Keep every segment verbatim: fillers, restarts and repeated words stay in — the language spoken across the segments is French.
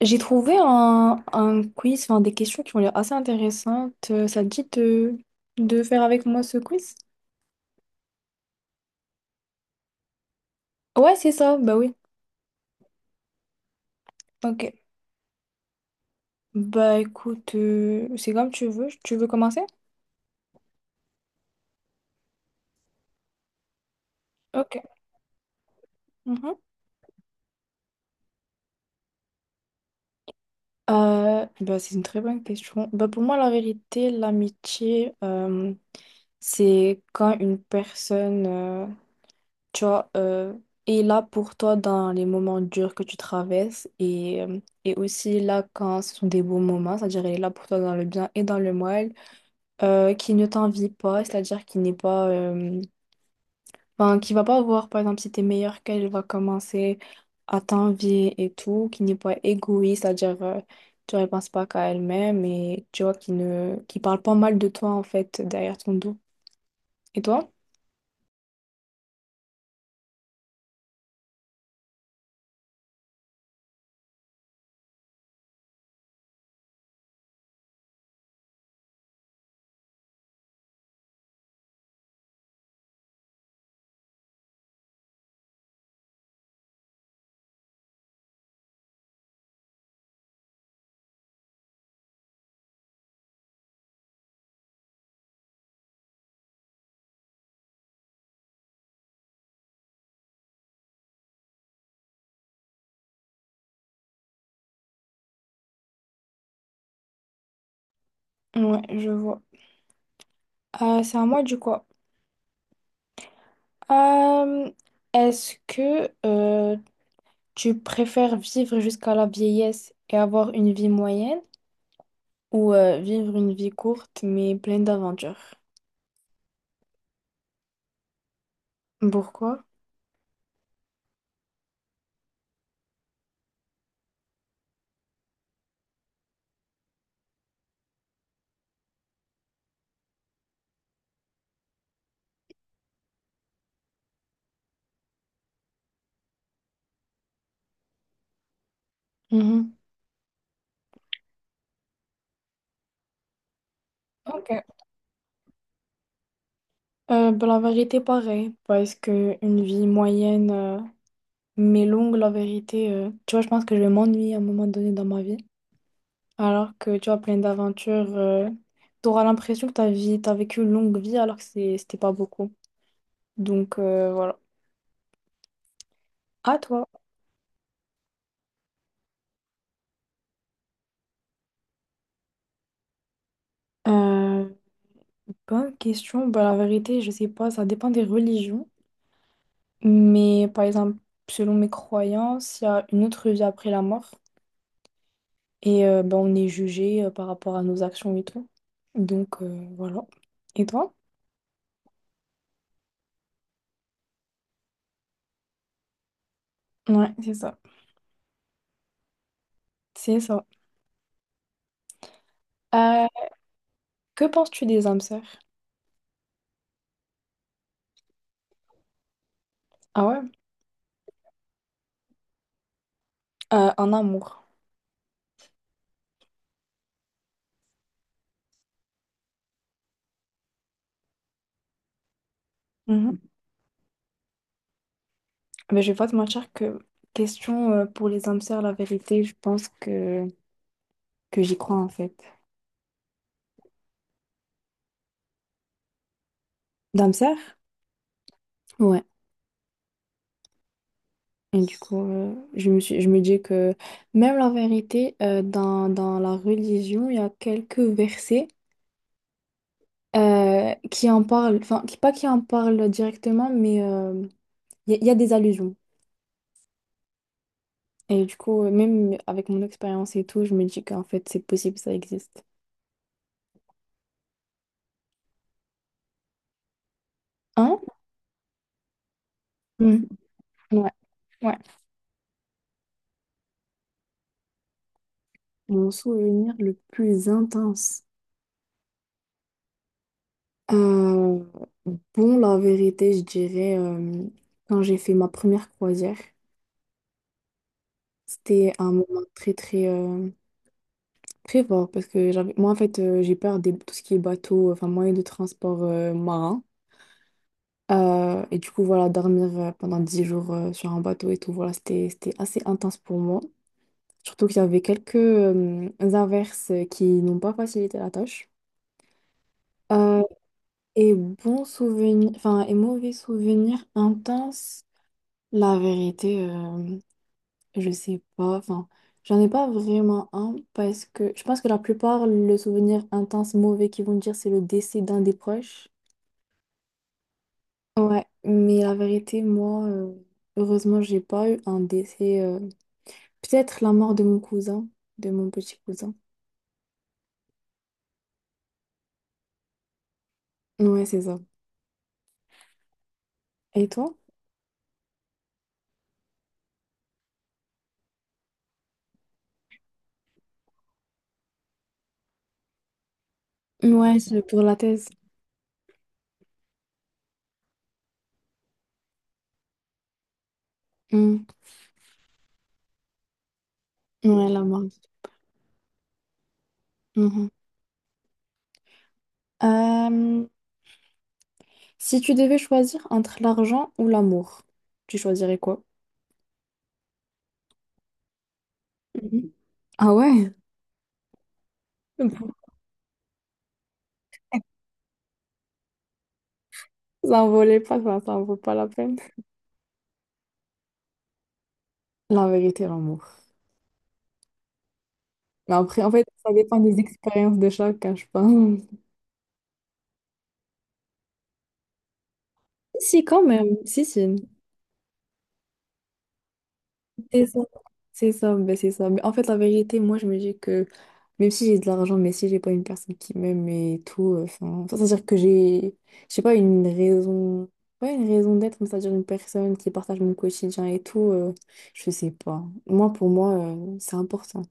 J'ai trouvé un, un quiz, enfin des questions qui ont l'air assez intéressantes. Euh, Ça te dit de, de faire avec moi ce quiz? Ouais, c'est ça, bah oui. Ok. Bah écoute, euh, c'est comme tu veux. Tu veux commencer? Ok. Mhm. Euh, bah, c'est une très bonne question. Bah, pour moi, la vérité, l'amitié, euh, c'est quand une personne euh, tu vois, euh, est là pour toi dans les moments durs que tu traverses et, euh, et aussi là quand ce sont des beaux moments, c'est-à-dire elle est là pour toi dans le bien et dans le mal, euh, qui ne t'envie pas, c'est-à-dire qui n'est pas, euh, enfin, qui va pas voir, par exemple, si t'es meilleur qu'elle, elle va commencer à t'envier et tout, qui n'est pas égoïste, c'est-à-dire, euh, tu ne penses pas qu'à elle-même et tu vois, qui ne, qui parle pas mal de toi, en fait, derrière ton dos. Et toi? Ouais, je vois. Euh, c'est à moi du coup. Euh, Est-ce que euh, tu préfères vivre jusqu'à la vieillesse et avoir une vie moyenne ou euh, vivre une vie courte mais pleine d'aventures? Pourquoi? Mhm. Ok. Euh, ben, la vérité, pareil, parce que une vie moyenne euh, mais longue, la vérité, euh, tu vois, je pense que je vais m'ennuyer à un moment donné dans ma vie. Alors que tu as plein d'aventures, tu auras l'impression que ta vie, t'as vécu une longue vie alors que c'est- c'était pas beaucoup. Donc euh, voilà. À toi. Euh, Bonne question. Bah, la vérité, je sais pas, ça dépend des religions. Mais par exemple, selon mes croyances, il y a une autre vie après la mort. Et euh, bah, on est jugé euh, par rapport à nos actions et tout. Donc euh, voilà. Et toi? Ouais, c'est ça. C'est ça. Euh, que penses-tu des âmes sœurs? Ah ouais? Euh, en amour. Mais je vais pas te mentir que question euh, pour les âmes sœurs la vérité, je pense que, que j'y crois en fait. D'âmes sœurs. Ouais. Et du coup, euh, je me suis, je me dis que même la vérité, euh, dans, dans la religion, il y a quelques versets euh, qui en parlent, enfin, qui, pas qui en parlent directement, mais euh, il y, a il y a des allusions. Et du coup, euh, même avec mon expérience et tout, je me dis qu'en fait, c'est possible, ça existe. Hein? Mhm. Ouais, ouais. Mon souvenir le plus intense. Euh, bon, la vérité, je dirais, euh, quand j'ai fait ma première croisière, c'était un moment très, très, euh, très fort parce que j'avais, moi, en fait, euh, j'ai peur de tout ce qui est bateau, euh, enfin, moyen de transport euh, marin. Euh, et du coup, voilà, dormir euh, pendant dix jours euh, sur un bateau et tout, voilà, c'était, c'était assez intense pour moi. Surtout qu'il y avait quelques euh, averses qui n'ont pas facilité la tâche. Euh, et bons souvenirs, enfin, et mauvais souvenirs intenses. La vérité, euh, je sais pas. Enfin, j'en ai pas vraiment un parce que je pense que la plupart, le souvenir intense mauvais qu'ils vont me dire, c'est le décès d'un des proches. Ouais, mais la vérité, moi, euh, heureusement, j'ai pas eu un décès. Euh, peut-être la mort de mon cousin, de mon petit cousin. Ouais, c'est ça. Et toi? Ouais, c'est pour la thèse. Mm. Ouais, la mort. Mhm. Euh, Si tu devais choisir entre l'argent ou l'amour, tu choisirais quoi? Mhm. Ah ouais? S'envoler pas, ça, ça en vaut pas la peine. La vérité, l'amour. Mais après, en fait, ça dépend des expériences de chacun, je pense. Si, si, quand même. Si, si. C'est ça. C'est ça, ben, c'est ça. Mais en fait, la vérité, moi, je me dis que même si j'ai de l'argent, mais si j'ai pas une personne qui m'aime et tout, euh, enfin, enfin, c'est-à-dire que j'ai, je sais pas, une raison, ouais, une raison d'être, mais c'est-à-dire une personne qui partage mon quotidien et tout, euh, je sais pas. Moi, pour moi, euh, c'est important.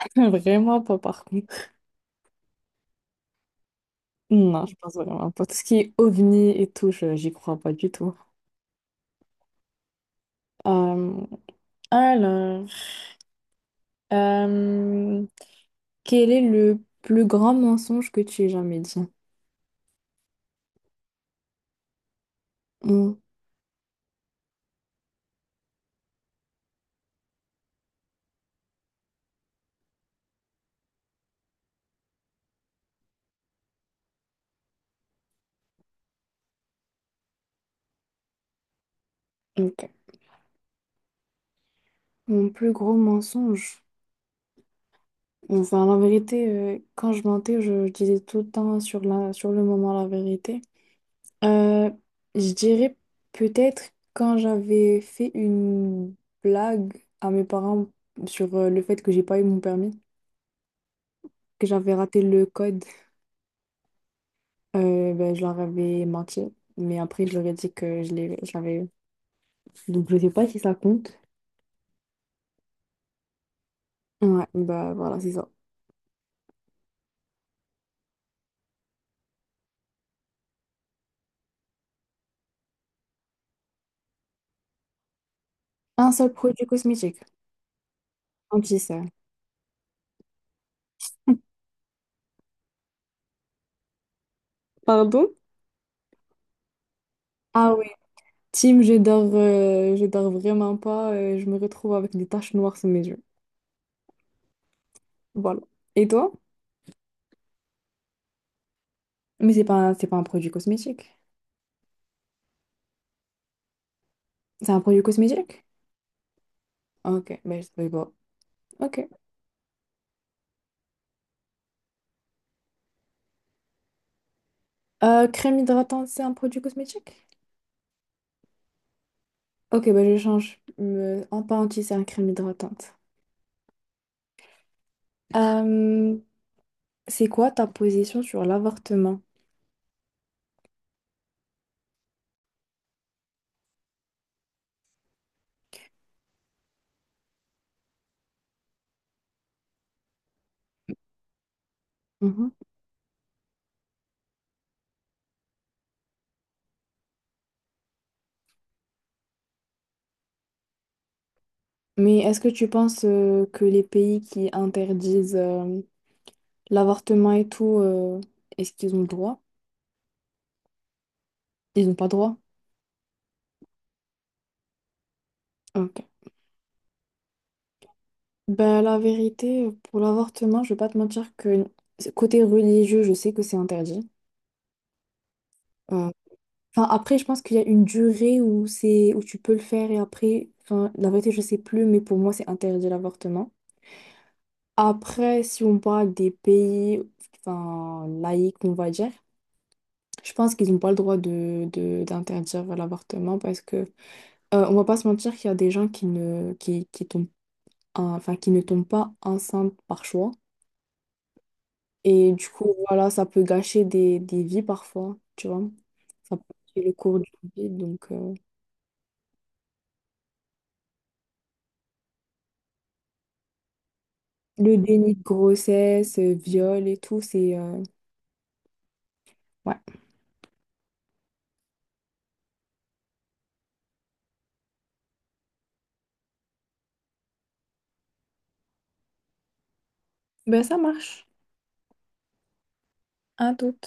Vraiment pas, par contre. Non, je pense vraiment pas. Tout ce qui est ovni et tout, je, j'y crois pas du tout. Euh, alors, euh, quel est le plus grand mensonge que tu aies jamais dit? Mon, ok. Mon plus gros mensonge. Enfin, la vérité, euh, quand je mentais, je, je disais tout le temps sur la, sur le moment la vérité. Euh, je dirais peut-être quand j'avais fait une blague à mes parents sur euh, le fait que j'ai pas eu mon permis, que j'avais raté le code. Euh, ben, je leur avais menti, mais après, je leur ai dit que je l'ai- je l'avais eu. Donc, je sais pas si ça compte. Ouais, bah voilà, c'est ça. Un seul produit cosmétique, anti-cernes. Pardon? Ah oui, Tim je dors, euh, je dors vraiment pas, euh, je me retrouve avec des taches noires sous mes yeux. Voilà. Et toi? Mais c'est pas, un- c'est pas un produit cosmétique. C'est un produit cosmétique? Ok, ben je savais pas. Ok. Euh, crème hydratante, c'est un produit cosmétique? Ok, ben je change. Euh, en pas anti, c'est un crème hydratante. C'est quoi ta position sur l'avortement? Mhm. Mais est-ce que tu penses euh, que les pays qui interdisent euh, l'avortement et tout, euh, est-ce qu'ils ont le droit? Ils n'ont pas le droit? Ok. Ben, la vérité, pour l'avortement, je vais pas te mentir que côté religieux, je sais que c'est interdit. Euh, Enfin, après, je pense qu'il y a une durée où c'est où tu peux le faire et après, enfin, la vérité, je sais plus, mais pour moi, c'est interdit l'avortement. Après, si on parle des pays, enfin, laïcs, on va dire. Je pense qu'ils n'ont pas le droit de, de- d'interdire l'avortement parce que euh, on va pas se mentir qu'il y a des gens qui ne qui, qui tombent enfin qui ne tombent pas enceintes par choix et du coup voilà ça peut gâcher des, des vies parfois tu vois, ça peut gâcher le cours d'une vie donc euh, le déni de grossesse euh, viol et tout c'est euh, ouais, ben ça marche. À tout.